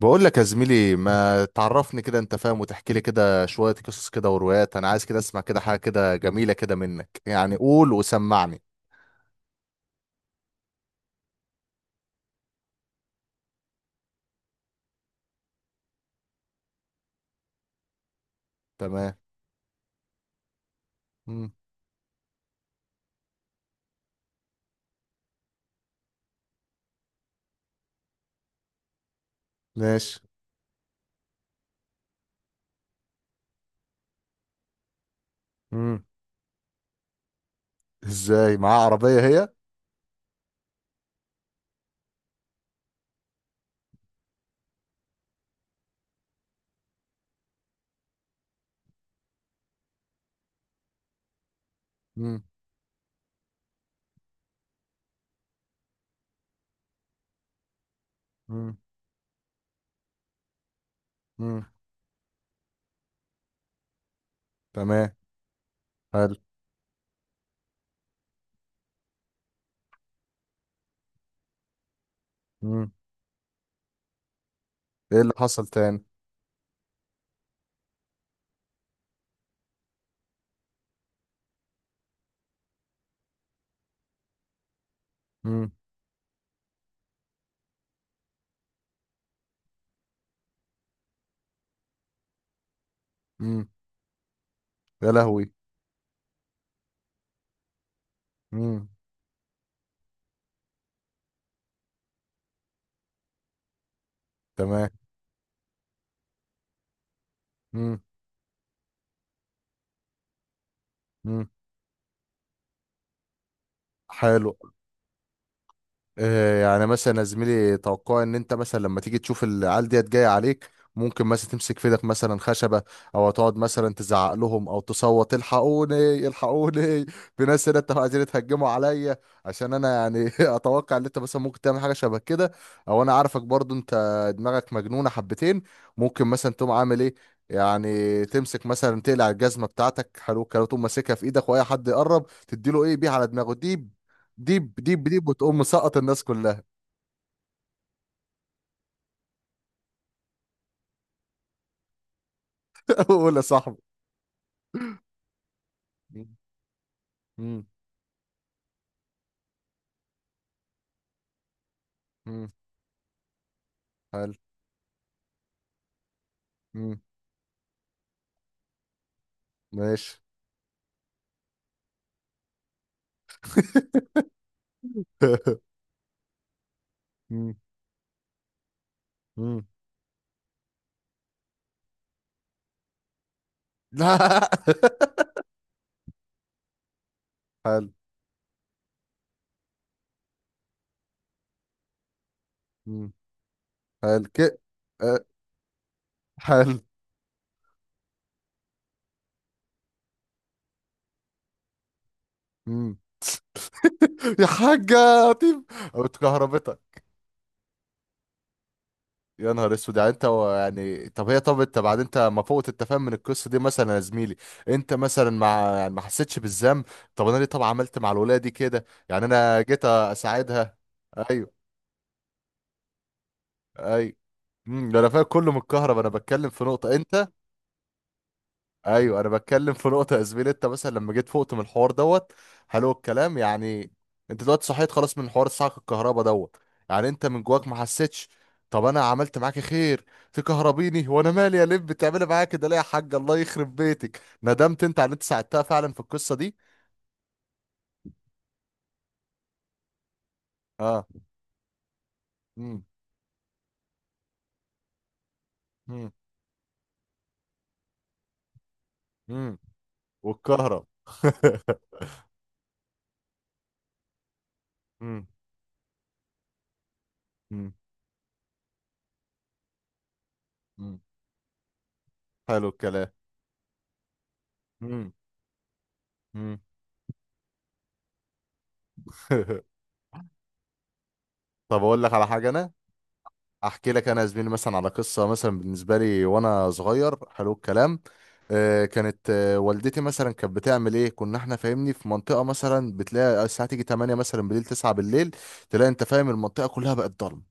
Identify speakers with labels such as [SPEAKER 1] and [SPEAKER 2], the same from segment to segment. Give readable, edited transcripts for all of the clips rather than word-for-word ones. [SPEAKER 1] بقول لك يا زميلي ما تعرفني كده، انت فاهم، وتحكي لي كده شوية قصص كده وروايات. انا عايز كده اسمع كده حاجة كده جميلة كده منك، يعني قول وسمعني. تمام. مم. ماشي. مم. ازاي معاه عربية هي؟ مم. مم. مم. تمام. حلو. مم. ايه اللي حصل تاني؟ مم. مم. يا لهوي. مم. تمام. مم. مم. حلو. آه، يعني مثلا يا زميلي توقع ان انت مثلا لما تيجي تشوف العيال ديت جايه عليك، ممكن مثلا تمسك في ايدك مثلا خشبه، او تقعد مثلا تزعق لهم او تصوت الحقوني الحقوني. في ناس هنا، انتوا عايزين تهجموا عليا، عشان انا يعني. اتوقع ان انت مثلا ممكن تعمل حاجه شبه كده، او انا عارفك برضو انت، دماغك مجنونه حبتين، ممكن مثلا تقوم عامل ايه، يعني تمسك مثلا تقلع الجزمه بتاعتك، حلو الكلام، تقوم ماسكها في ايدك واي حد يقرب تديله ايه بيه على دماغه دي، ديب ديب ديب، وتقوم مسقط الناس كلها. قول يا صاحبي. مم، مم، مم، حلو. مم، ماشي. مم، مم. لا. حلو. مم، حلو كده. آه، حلو. مم. يا حاجة. طيب، اتكهربتك؟ يا نهار اسود! يعني انت و- يعني طب هي، طب انت بعد انت ما فوقت التفاهم من القصه دي مثلا يا زميلي، انت مثلا ما يعني ما حسيتش بالذنب؟ طب انا ليه طب عملت مع الولايه دي كده؟ يعني انا جيت اساعدها. ايوه. ايوه. امم، ده انا فاهم كله من الكهرباء، انا بتكلم في نقطه انت. ايوه، انا بتكلم في نقطه يا زميلي، انت مثلا لما جيت فقت من الحوار دوت، حلو الكلام، يعني انت دلوقتي صحيت خلاص من حوار الصعق الكهرباء دوت، يعني انت من جواك ما حسيتش، طب انا عملت معاك خير، تكهربيني وانا مالي يا لب؟ بتعملي معايا كده ليه يا حاج، الله يخرب بيتك! ندمت انت على اللي انت ساعدتها فعلا في القصه دي؟ اه. امم. امم. امم. والكهرب. امم. امم. امم. حلو الكلام. امم. امم. طب اقول لك على حاجه انا، احكي لك انا يا زميلي مثلا على قصه مثلا بالنسبه لي وانا صغير. حلو الكلام. آه، كانت آه، والدتي مثلا كانت بتعمل ايه، كنا احنا فاهمني في منطقه مثلا بتلاقي الساعه تيجي 8 مثلا بالليل، 9 بالليل تلاقي انت فاهم المنطقه كلها بقت ضلمه.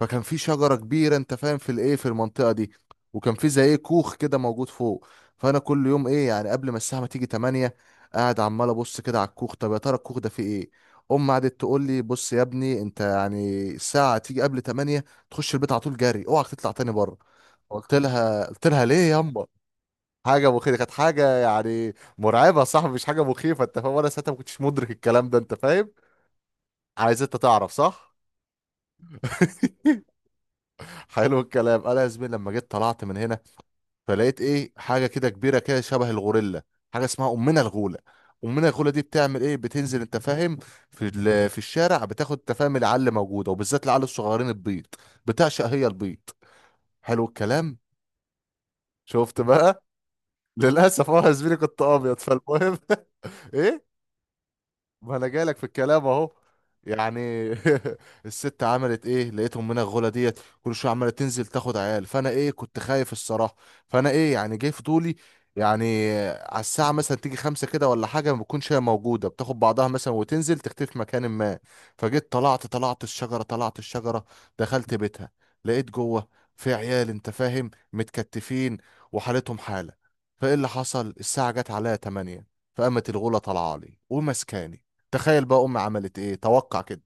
[SPEAKER 1] فكان في شجرة كبيرة انت فاهم في الايه في المنطقة دي، وكان في زي ايه كوخ كده موجود فوق. فانا كل يوم ايه يعني قبل ما الساعة ما تيجي 8، قاعد عمال ابص كده على الكوخ، طب يا ترى الكوخ ده فيه ايه؟ امي قعدت تقول لي بص يا ابني انت يعني الساعة تيجي قبل 8، تخش البيت على طول جري، اوعك تطلع تاني بره. قلت لها ليه يا امه؟ حاجة مخيفة؟ كانت حاجة يعني مرعبة يا صاحبي، مش حاجة مخيفة انت فاهم، وانا ساعتها ما كنتش مدرك الكلام ده انت فاهم. عايز انت تعرف؟ صح. حلو الكلام. انا يا زميلي لما جيت طلعت من هنا، فلقيت ايه حاجه كده كبيره كده شبه الغوريلا، حاجه اسمها امنا الغوله. امنا الغوله دي بتعمل ايه؟ بتنزل انت فاهم في ال- في الشارع، بتاخد انت فاهم العل موجوده، وبالذات العل الصغيرين البيض، بتعشق هي البيض، حلو الكلام. شفت بقى؟ للاسف اه يا زميلي، كنت ابيض. فالمهم، ايه، ما انا جايلك في الكلام اهو، يعني. الست عملت ايه؟ لقيتهم من الغلا ديت كل شويه عماله تنزل تاخد عيال، فانا ايه كنت خايف الصراحه. فانا ايه يعني جاي في طولي، يعني على الساعه مثلا تيجي خمسة كده ولا حاجه، ما بتكونش هي موجوده، بتاخد بعضها مثلا وتنزل تختفي في مكان ما. فجيت طلعت الشجره، دخلت بيتها، لقيت جوه في عيال انت فاهم متكتفين وحالتهم حاله. فايه اللي حصل؟ الساعه جت عليا 8، فقامت الغوله طالعه لي ومسكاني. تخيل بقى امي عملت ايه، توقع كده.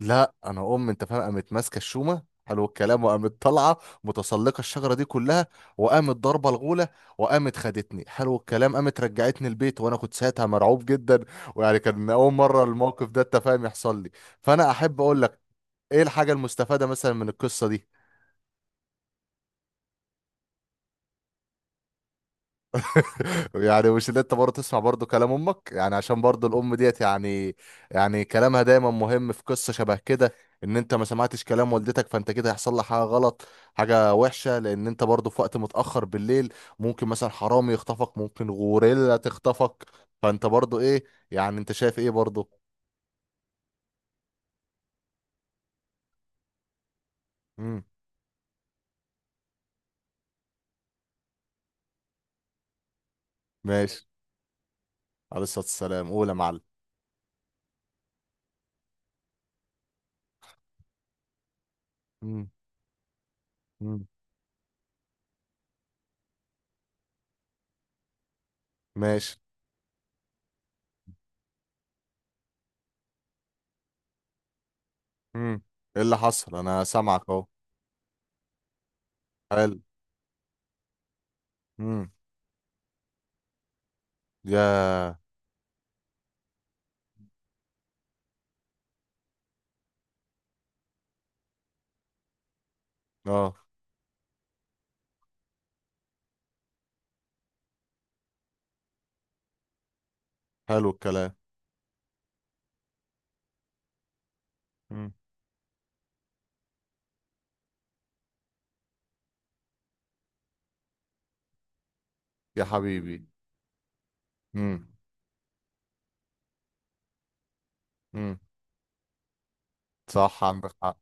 [SPEAKER 1] لا، انا امي انت فاهم قامت ماسكه الشومه، حلو الكلام، وقامت طالعه متسلقه الشجره دي كلها، وقامت ضاربه الغوله، وقامت خدتني، حلو الكلام، قامت رجعتني البيت، وانا كنت ساعتها مرعوب جدا، ويعني كان اول مره الموقف ده انت فاهم يحصل لي. فانا احب اقول لك ايه الحاجه المستفاده مثلا من القصه دي، يعني مش اللي انت برضه تسمع برضه كلام امك، يعني عشان برضه الام ديت يعني، يعني كلامها دايما مهم في قصة شبه كده، ان انت ما سمعتش كلام والدتك فانت كده هيحصل لك حاجة غلط، حاجة وحشة، لان انت برضه في وقت متأخر بالليل ممكن مثلا حرامي يخطفك، ممكن غوريلا تخطفك، فانت برضه ايه، يعني انت شايف ايه برضه؟ امم. ماشي. عليه الصلاة والسلام، قول يا معلم. امم. امم. ماشي. امم. ايه اللي حصل؟ انا سامعك اهو. حلو. امم. يا. اه. حلو الكلام. مم. يا حبيبي. مم. مم. صح، عندك حق.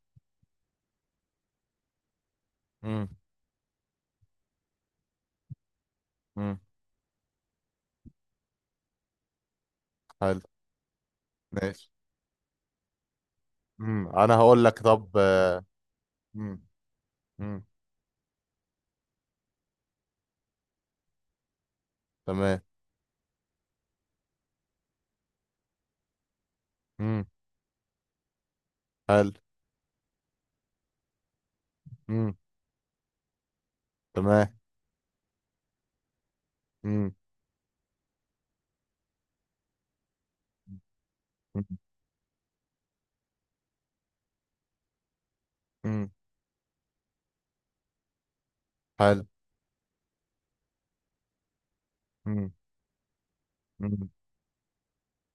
[SPEAKER 1] مم. مم. حلو. ماشي. مم. انا هقول لك طب آه،. مم. مم. تمام. مم. حلو. مم. تمام. مم. مم. مم. حلو. مم. مم.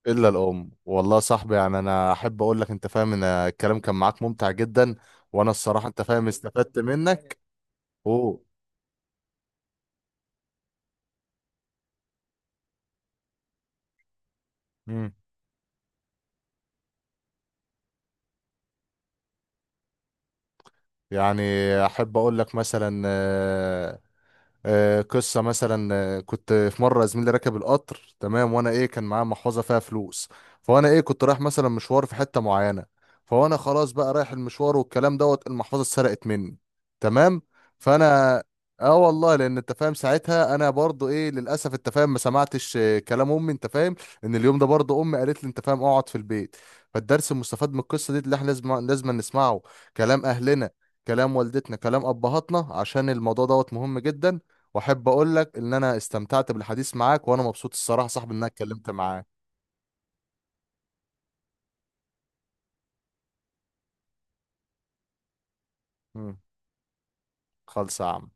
[SPEAKER 1] الا الام. والله يا صاحبي يعني انا احب اقول لك انت فاهم ان الكلام كان معاك ممتع جدا، وانا الصراحه انت فاهم استفدت منك. اوه. مم. يعني احب اقول لك مثلا آه،. آه، قصة مثلا آه، كنت في مرة زميلي راكب القطر، تمام، وانا ايه كان معاه محفظة فيها فلوس، فانا ايه كنت رايح مثلا مشوار في حتة معينة، فانا خلاص بقى رايح المشوار والكلام دوت، المحفظة اتسرقت مني. تمام. فانا اه والله، لان انت فاهم ساعتها انا برضو ايه للاسف انت فاهم ما سمعتش آه، كلام امي انت فاهم، ان اليوم ده برضو امي قالت لي انت فاهم اقعد في البيت. فالدرس المستفاد من القصة دي اللي احنا لازم نسمعه كلام اهلنا، كلام والدتنا، كلام ابهاتنا، عشان الموضوع دوت مهم جدا. واحب اقول لك ان انا استمتعت بالحديث معاك، وانا مبسوط الصراحه يا صاحبي ان انا اتكلمت معاك. مم. خالص يا عم.